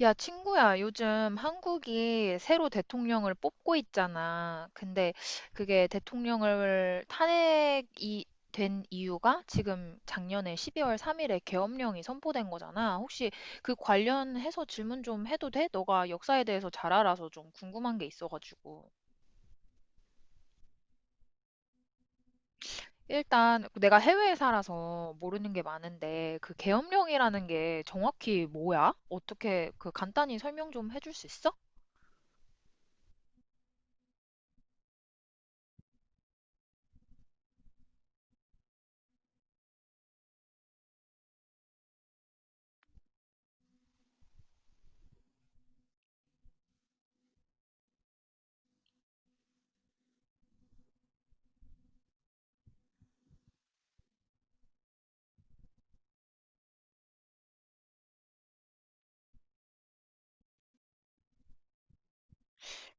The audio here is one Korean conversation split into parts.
야, 친구야, 요즘 한국이 새로 대통령을 뽑고 있잖아. 근데 그게 대통령을 탄핵이 된 이유가 지금 작년에 12월 3일에 계엄령이 선포된 거잖아. 혹시 그 관련해서 질문 좀 해도 돼? 너가 역사에 대해서 잘 알아서 좀 궁금한 게 있어가지고. 일단 내가 해외에 살아서 모르는 게 많은데 그 계엄령이라는 게 정확히 뭐야? 어떻게 그 간단히 설명 좀 해줄 수 있어?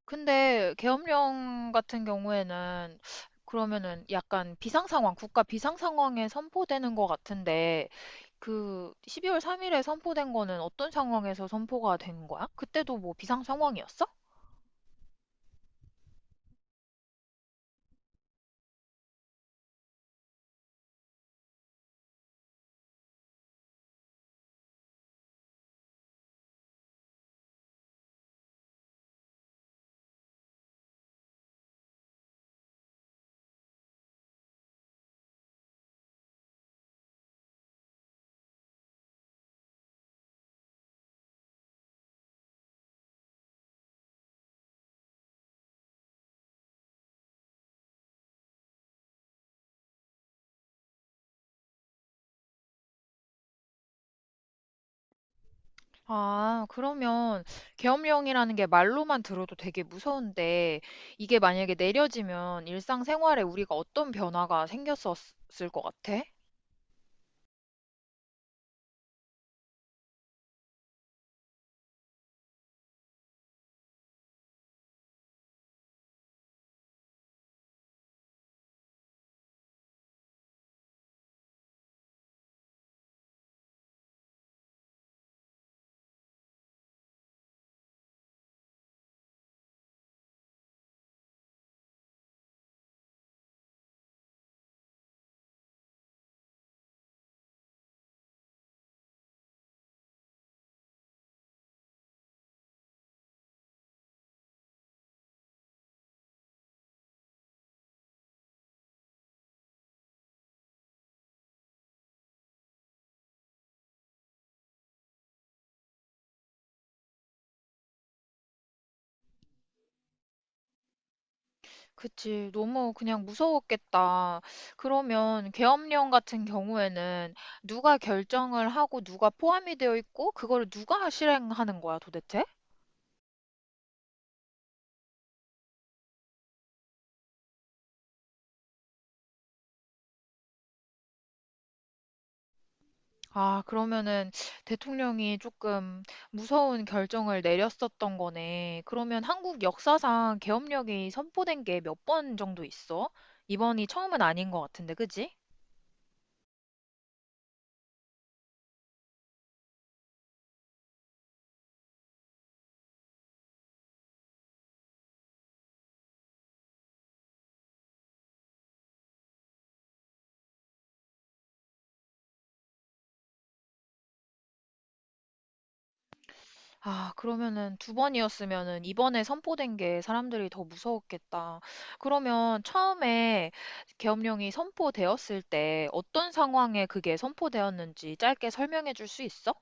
근데 계엄령 같은 경우에는 그러면은 약간 비상상황, 국가 비상상황에 선포되는 것 같은데 그 12월 3일에 선포된 거는 어떤 상황에서 선포가 된 거야? 그때도 뭐 비상 상황이었어? 아, 그러면 계엄령이라는 게 말로만 들어도 되게 무서운데 이게 만약에 내려지면 일상생활에 우리가 어떤 변화가 생겼었을 것 같아? 그치. 너무 그냥 무서웠겠다. 그러면 계엄령 같은 경우에는 누가 결정을 하고 누가 포함이 되어 있고 그거를 누가 실행하는 거야 도대체? 아, 그러면은 대통령이 조금 무서운 결정을 내렸었던 거네. 그러면 한국 역사상 계엄령이 선포된 게 몇 번 정도 있어? 이번이 처음은 아닌 것 같은데, 그지? 아, 그러면은 두 번이었으면은 이번에 선포된 게 사람들이 더 무서웠겠다. 그러면 처음에 계엄령이 선포되었을 때 어떤 상황에 그게 선포되었는지 짧게 설명해 줄 수 있어?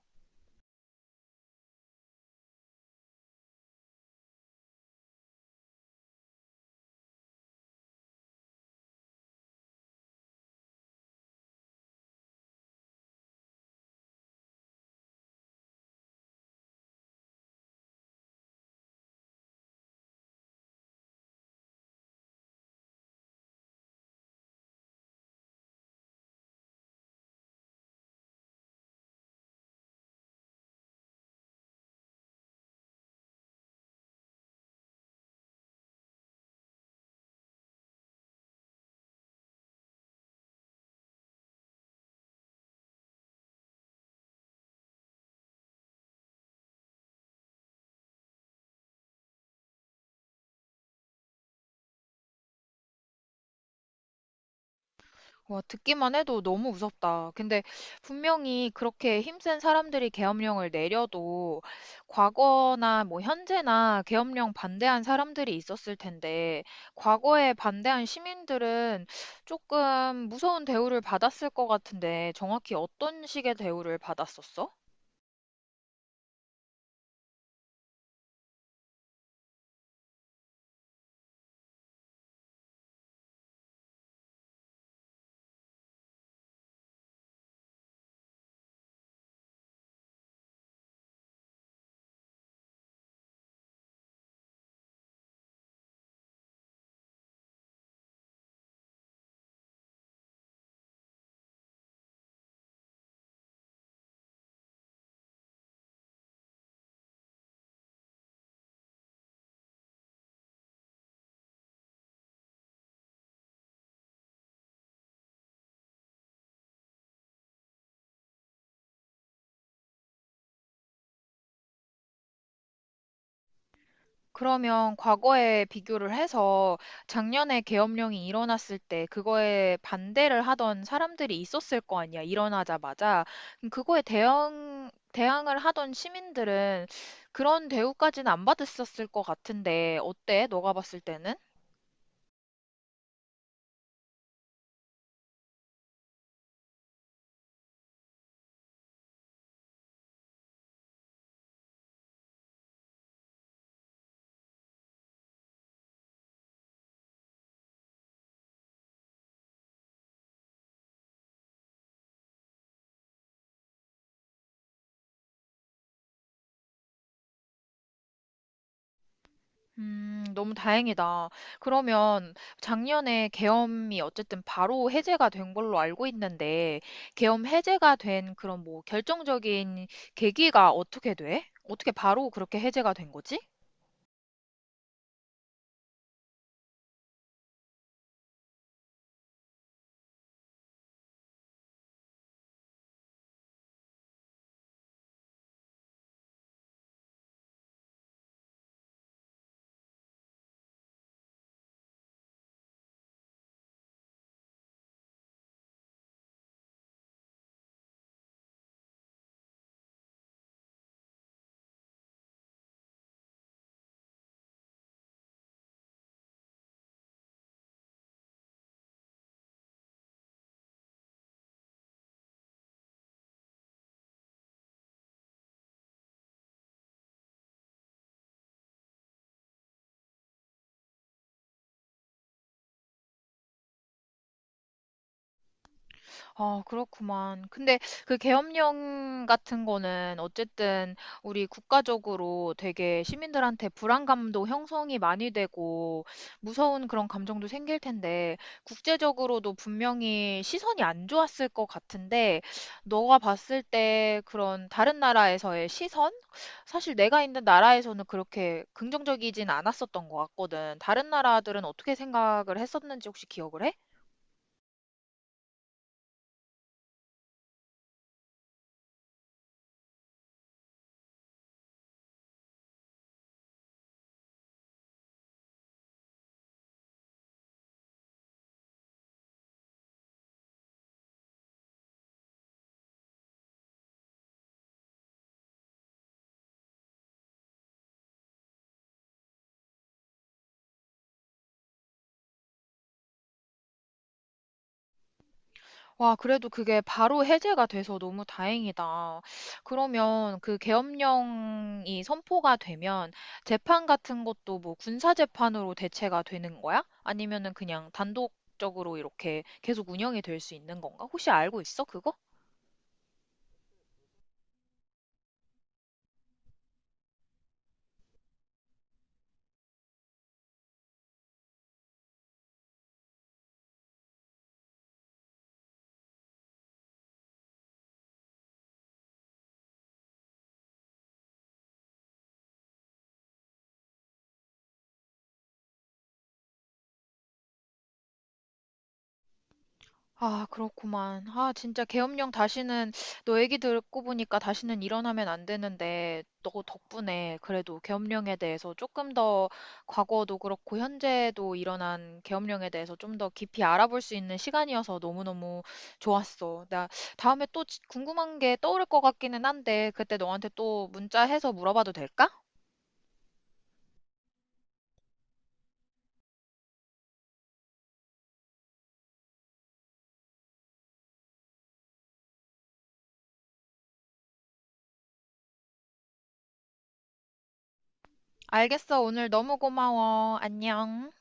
와, 듣기만 해도 너무 무섭다. 근데 분명히 그렇게 힘센 사람들이 계엄령을 내려도 과거나 뭐 현재나 계엄령 반대한 사람들이 있었을 텐데 과거에 반대한 시민들은 조금 무서운 대우를 받았을 것 같은데 정확히 어떤 식의 대우를 받았었어? 그러면 과거에 비교를 해서 작년에 계엄령이 일어났을 때 그거에 반대를 하던 사람들이 있었을 거 아니야, 일어나자마자. 그럼 그거에 대응, 대항을 하던 시민들은 그런 대우까지는 안 받았었을 것 같은데, 어때? 너가 봤을 때는? 너무 다행이다. 그러면 작년에 계엄이 어쨌든 바로 해제가 된 걸로 알고 있는데, 계엄 해제가 된 그런 뭐 결정적인 계기가 어떻게 돼? 어떻게 바로 그렇게 해제가 된 거지? 아, 그렇구만. 근데 그 계엄령 같은 거는 어쨌든 우리 국가적으로 되게 시민들한테 불안감도 형성이 많이 되고 무서운 그런 감정도 생길 텐데 국제적으로도 분명히 시선이 안 좋았을 것 같은데 너가 봤을 때 그런 다른 나라에서의 시선? 사실 내가 있는 나라에서는 그렇게 긍정적이진 않았었던 것 같거든. 다른 나라들은 어떻게 생각을 했었는지 혹시 기억을 해? 와, 그래도 그게 바로 해제가 돼서 너무 다행이다. 그러면 그 계엄령이 선포가 되면 재판 같은 것도 뭐 군사 재판으로 대체가 되는 거야? 아니면은 그냥 단독적으로 이렇게 계속 운영이 될 수 있는 건가? 혹시 알고 있어, 그거? 아, 그렇구만. 아, 진짜 계엄령 다시는 너 얘기 듣고 보니까 다시는 일어나면 안 되는데 너 덕분에 그래도 계엄령에 대해서 조금 더 과거도 그렇고 현재도 일어난 계엄령에 대해서 좀 더 깊이 알아볼 수 있는 시간이어서 너무너무 좋았어. 나 다음에 또 궁금한 게 떠오를 것 같기는 한데 그때 너한테 또 문자해서 물어봐도 될까? 알겠어. 오늘 너무 고마워. 안녕.